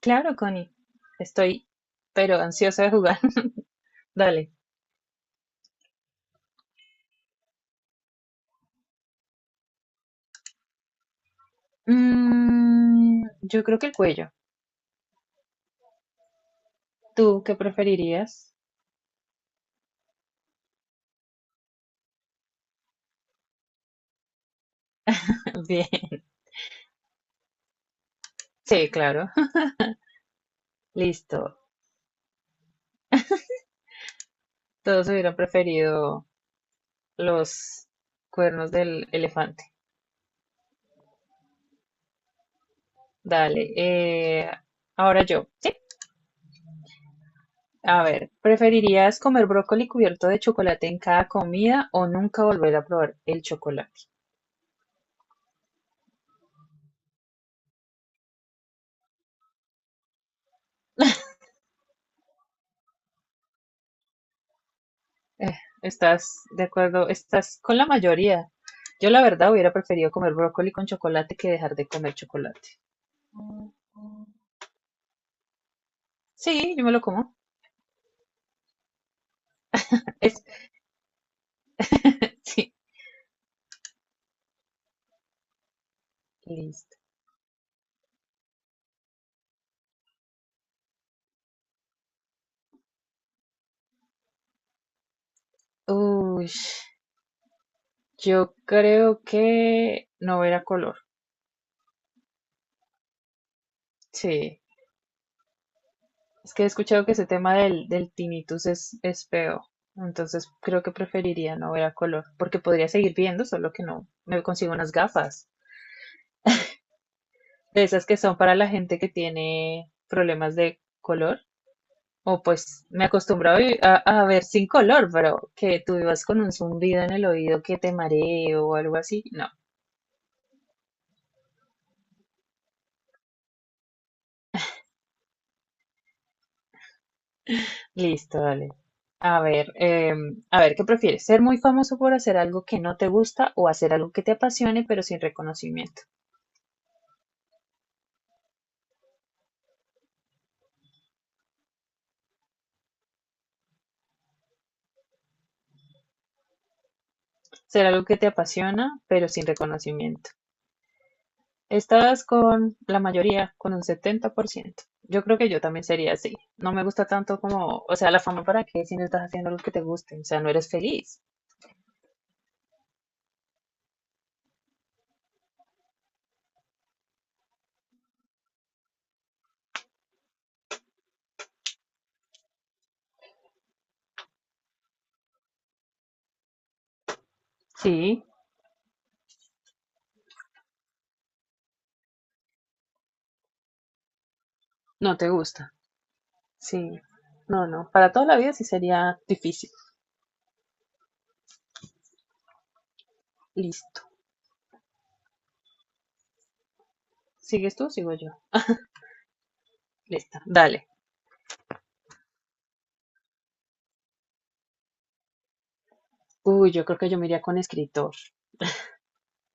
Claro, Connie. Estoy, pero ansiosa de jugar. Dale. Mm, yo creo que el cuello. ¿Tú qué preferirías? Bien. Sí, claro. Listo. Todos hubieran preferido los cuernos del elefante. Dale. Ahora yo. Sí. A ver, ¿preferirías comer brócoli cubierto de chocolate en cada comida o nunca volver a probar el chocolate? Eh, Estás de acuerdo, estás con la mayoría. Yo la verdad hubiera preferido comer brócoli con chocolate que dejar de comer chocolate. Sí, yo me lo como. Es- sí, listo. Uy, yo creo que no era color. Sí, es que he escuchado que ese tema del tinnitus es feo. Entonces creo que preferiría no ver a color, porque podría seguir viendo, solo que no me consigo unas gafas. De esas que son para la gente que tiene problemas de color. O pues me acostumbro a ver sin color, pero que tú vivas con un zumbido en el oído que te mareo o algo así. No, listo, dale. A ver, ¿qué prefieres? ¿Ser muy famoso por hacer algo que no te gusta o hacer algo que te apasione pero sin reconocimiento? Ser algo que te apasiona pero sin reconocimiento. Estás con la mayoría, con un 70%. Yo creo que yo también sería así. No me gusta tanto como, o sea, la fama para qué si no estás haciendo algo que te guste, o sea, no eres feliz. Sí. No te gusta. Sí. No, no. Para toda la vida sí sería difícil. Listo. ¿Sigues tú? Sigo yo. Lista. Dale. Uy, yo creo que yo me iría con escritor.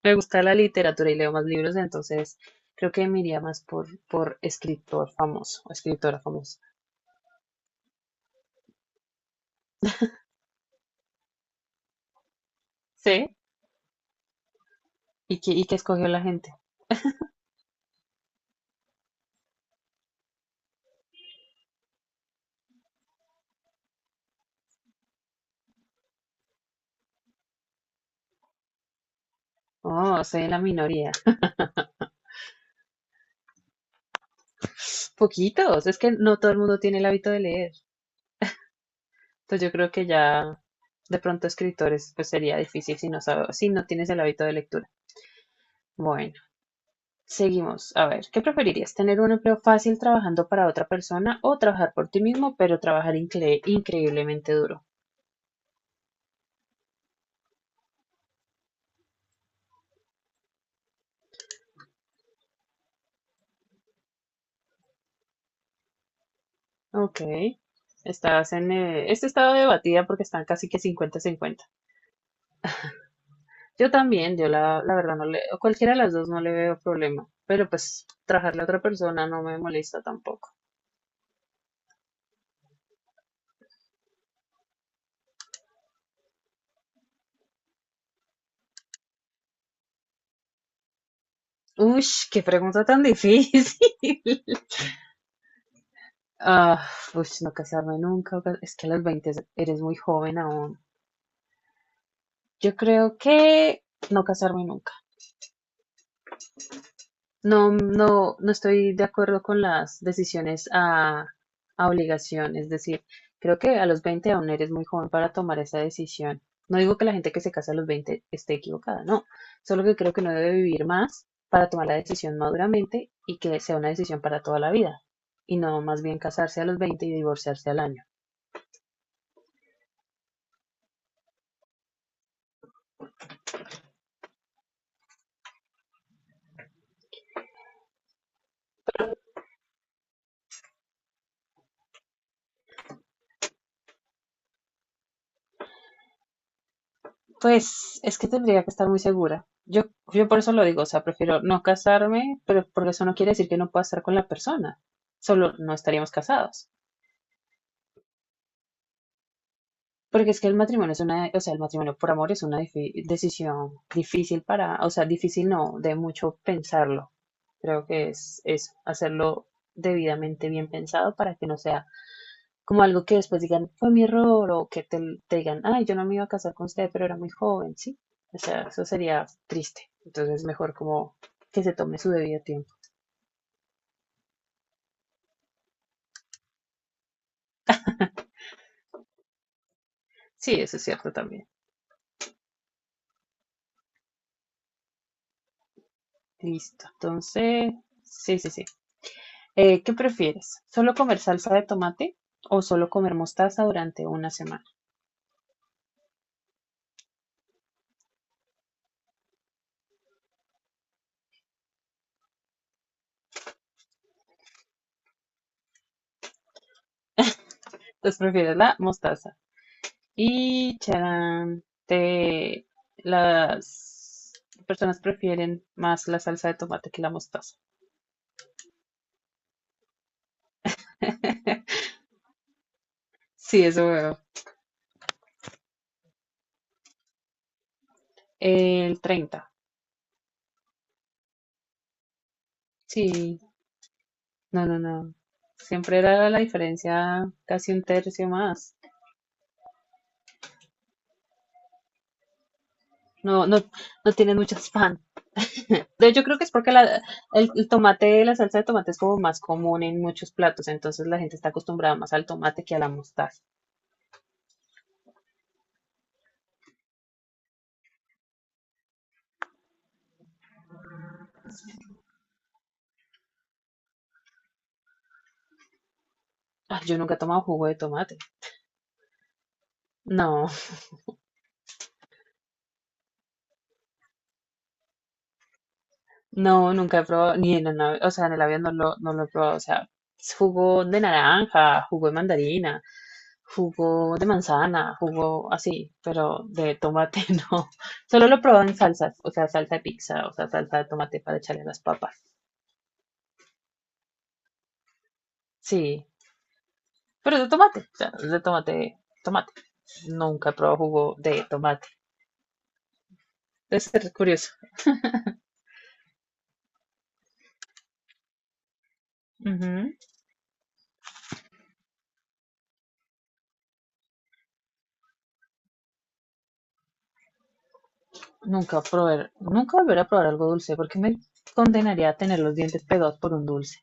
Me gusta la literatura y leo más libros, entonces creo que me iría más por escritor famoso o escritora famosa. ¿Sí? ¿Y qué escogió la gente? Oh, soy de la minoría. Poquitos. Es que no todo el mundo tiene el hábito de leer. Entonces yo creo que ya de pronto escritores pues sería difícil si no sabes, si no tienes el hábito de lectura. Bueno. Seguimos. A ver, ¿qué preferirías? ¿Tener un empleo fácil trabajando para otra persona o trabajar por ti mismo, pero trabajar increíblemente duro? Ok. Estás en este estado debatida porque están casi que 50 cincuenta. Yo también, yo la verdad no le, a cualquiera de las dos no le veo problema, pero pues trabajarle a otra persona no me molesta tampoco. Uy, qué pregunta tan difícil. Ah, Uy, no casarme nunca. Es que a los 20 eres muy joven aún. Yo creo que no casarme nunca. No, no, no estoy de acuerdo con las decisiones a obligación. Es decir, creo que a los 20 aún eres muy joven para tomar esa decisión. No digo que la gente que se casa a los 20 esté equivocada, no. Solo que creo que no debe vivir más para tomar la decisión maduramente y que sea una decisión para toda la vida. Y no más bien casarse a los 20 y divorciarse al año. Pues es que tendría que estar muy segura. Yo por eso lo digo, o sea, prefiero no casarme, pero porque eso no quiere decir que no pueda estar con la persona. Solo no estaríamos casados. Porque es que el matrimonio es una, o sea, el matrimonio por amor es una decisión difícil para, o sea, difícil no, de mucho pensarlo. Creo que es eso, hacerlo debidamente bien pensado para que no sea como algo que después digan, fue mi error, o que te digan, ay, yo no me iba a casar con usted, pero era muy joven, ¿sí? O sea, eso sería triste. Entonces, mejor como que se tome su debido tiempo. Sí, eso es cierto también. Listo. Entonces, sí, sí, sí. ¿Qué prefieres? ¿Solo comer salsa de tomate o solo comer mostaza durante una semana? Entonces, prefieres la mostaza. Y, charán, las personas prefieren más la salsa de tomate que la mostaza. Sí, eso veo. El 30. Sí, no, no, no. Siempre era la diferencia casi un tercio más. No, no, no tienen muchas pan. Yo creo que es porque el tomate, la salsa de tomate es como más común en muchos platos, entonces la gente está acostumbrada más al tomate que a la mostaza. Ah, yo nunca he tomado jugo de tomate. No. No, nunca he probado, ni en el, o sea, en el avión no lo he probado. O sea, jugo de naranja, jugo de mandarina, jugo de manzana, jugo así, pero de tomate no. Solo lo he probado en salsas, o sea, salsa de pizza, o sea, salsa de tomate para echarle a las papas. Sí, pero de tomate, o sea, de tomate, tomate. Nunca he probado jugo de tomate. Debe ser curioso. Ujú. Nunca volver a probar algo dulce, porque me condenaría a tener los dientes pegados por un dulce.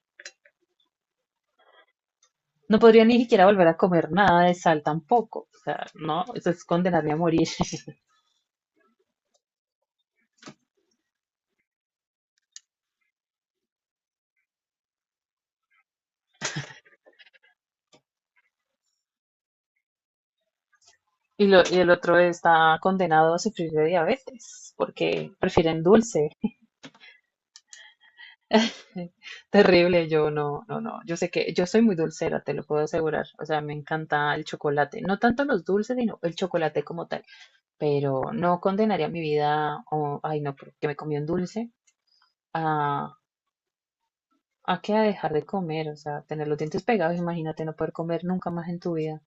No podría ni siquiera volver a comer nada de sal tampoco. O sea, no, eso es condenarme a morir. Y, y el otro está condenado a sufrir de diabetes porque prefieren dulce. Terrible, yo no, no, no. Yo sé que yo soy muy dulcera, te lo puedo asegurar. O sea, me encanta el chocolate. No tanto los dulces, sino el chocolate como tal. Pero no condenaría mi vida, o, ay, no, porque me comí un dulce, a, a que a dejar de comer. O sea, tener los dientes pegados, imagínate no poder comer nunca más en tu vida.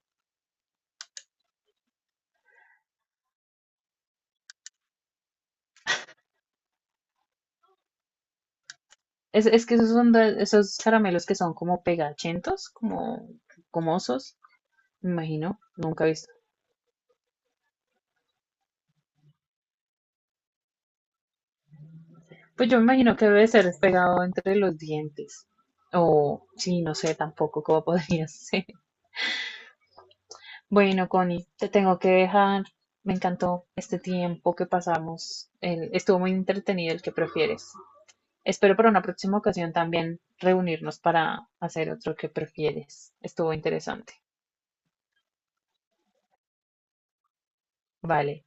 Es que esos son esos caramelos que son como pegachentos, como gomosos, me imagino, nunca he visto. Pues yo me imagino que debe ser pegado entre los dientes. O sí, no sé tampoco cómo podría ser. Bueno, Connie, te tengo que dejar. Me encantó este tiempo que pasamos. Estuvo muy entretenido el que prefieres. Espero para una próxima ocasión también reunirnos para hacer otro que prefieres. Estuvo interesante. Vale.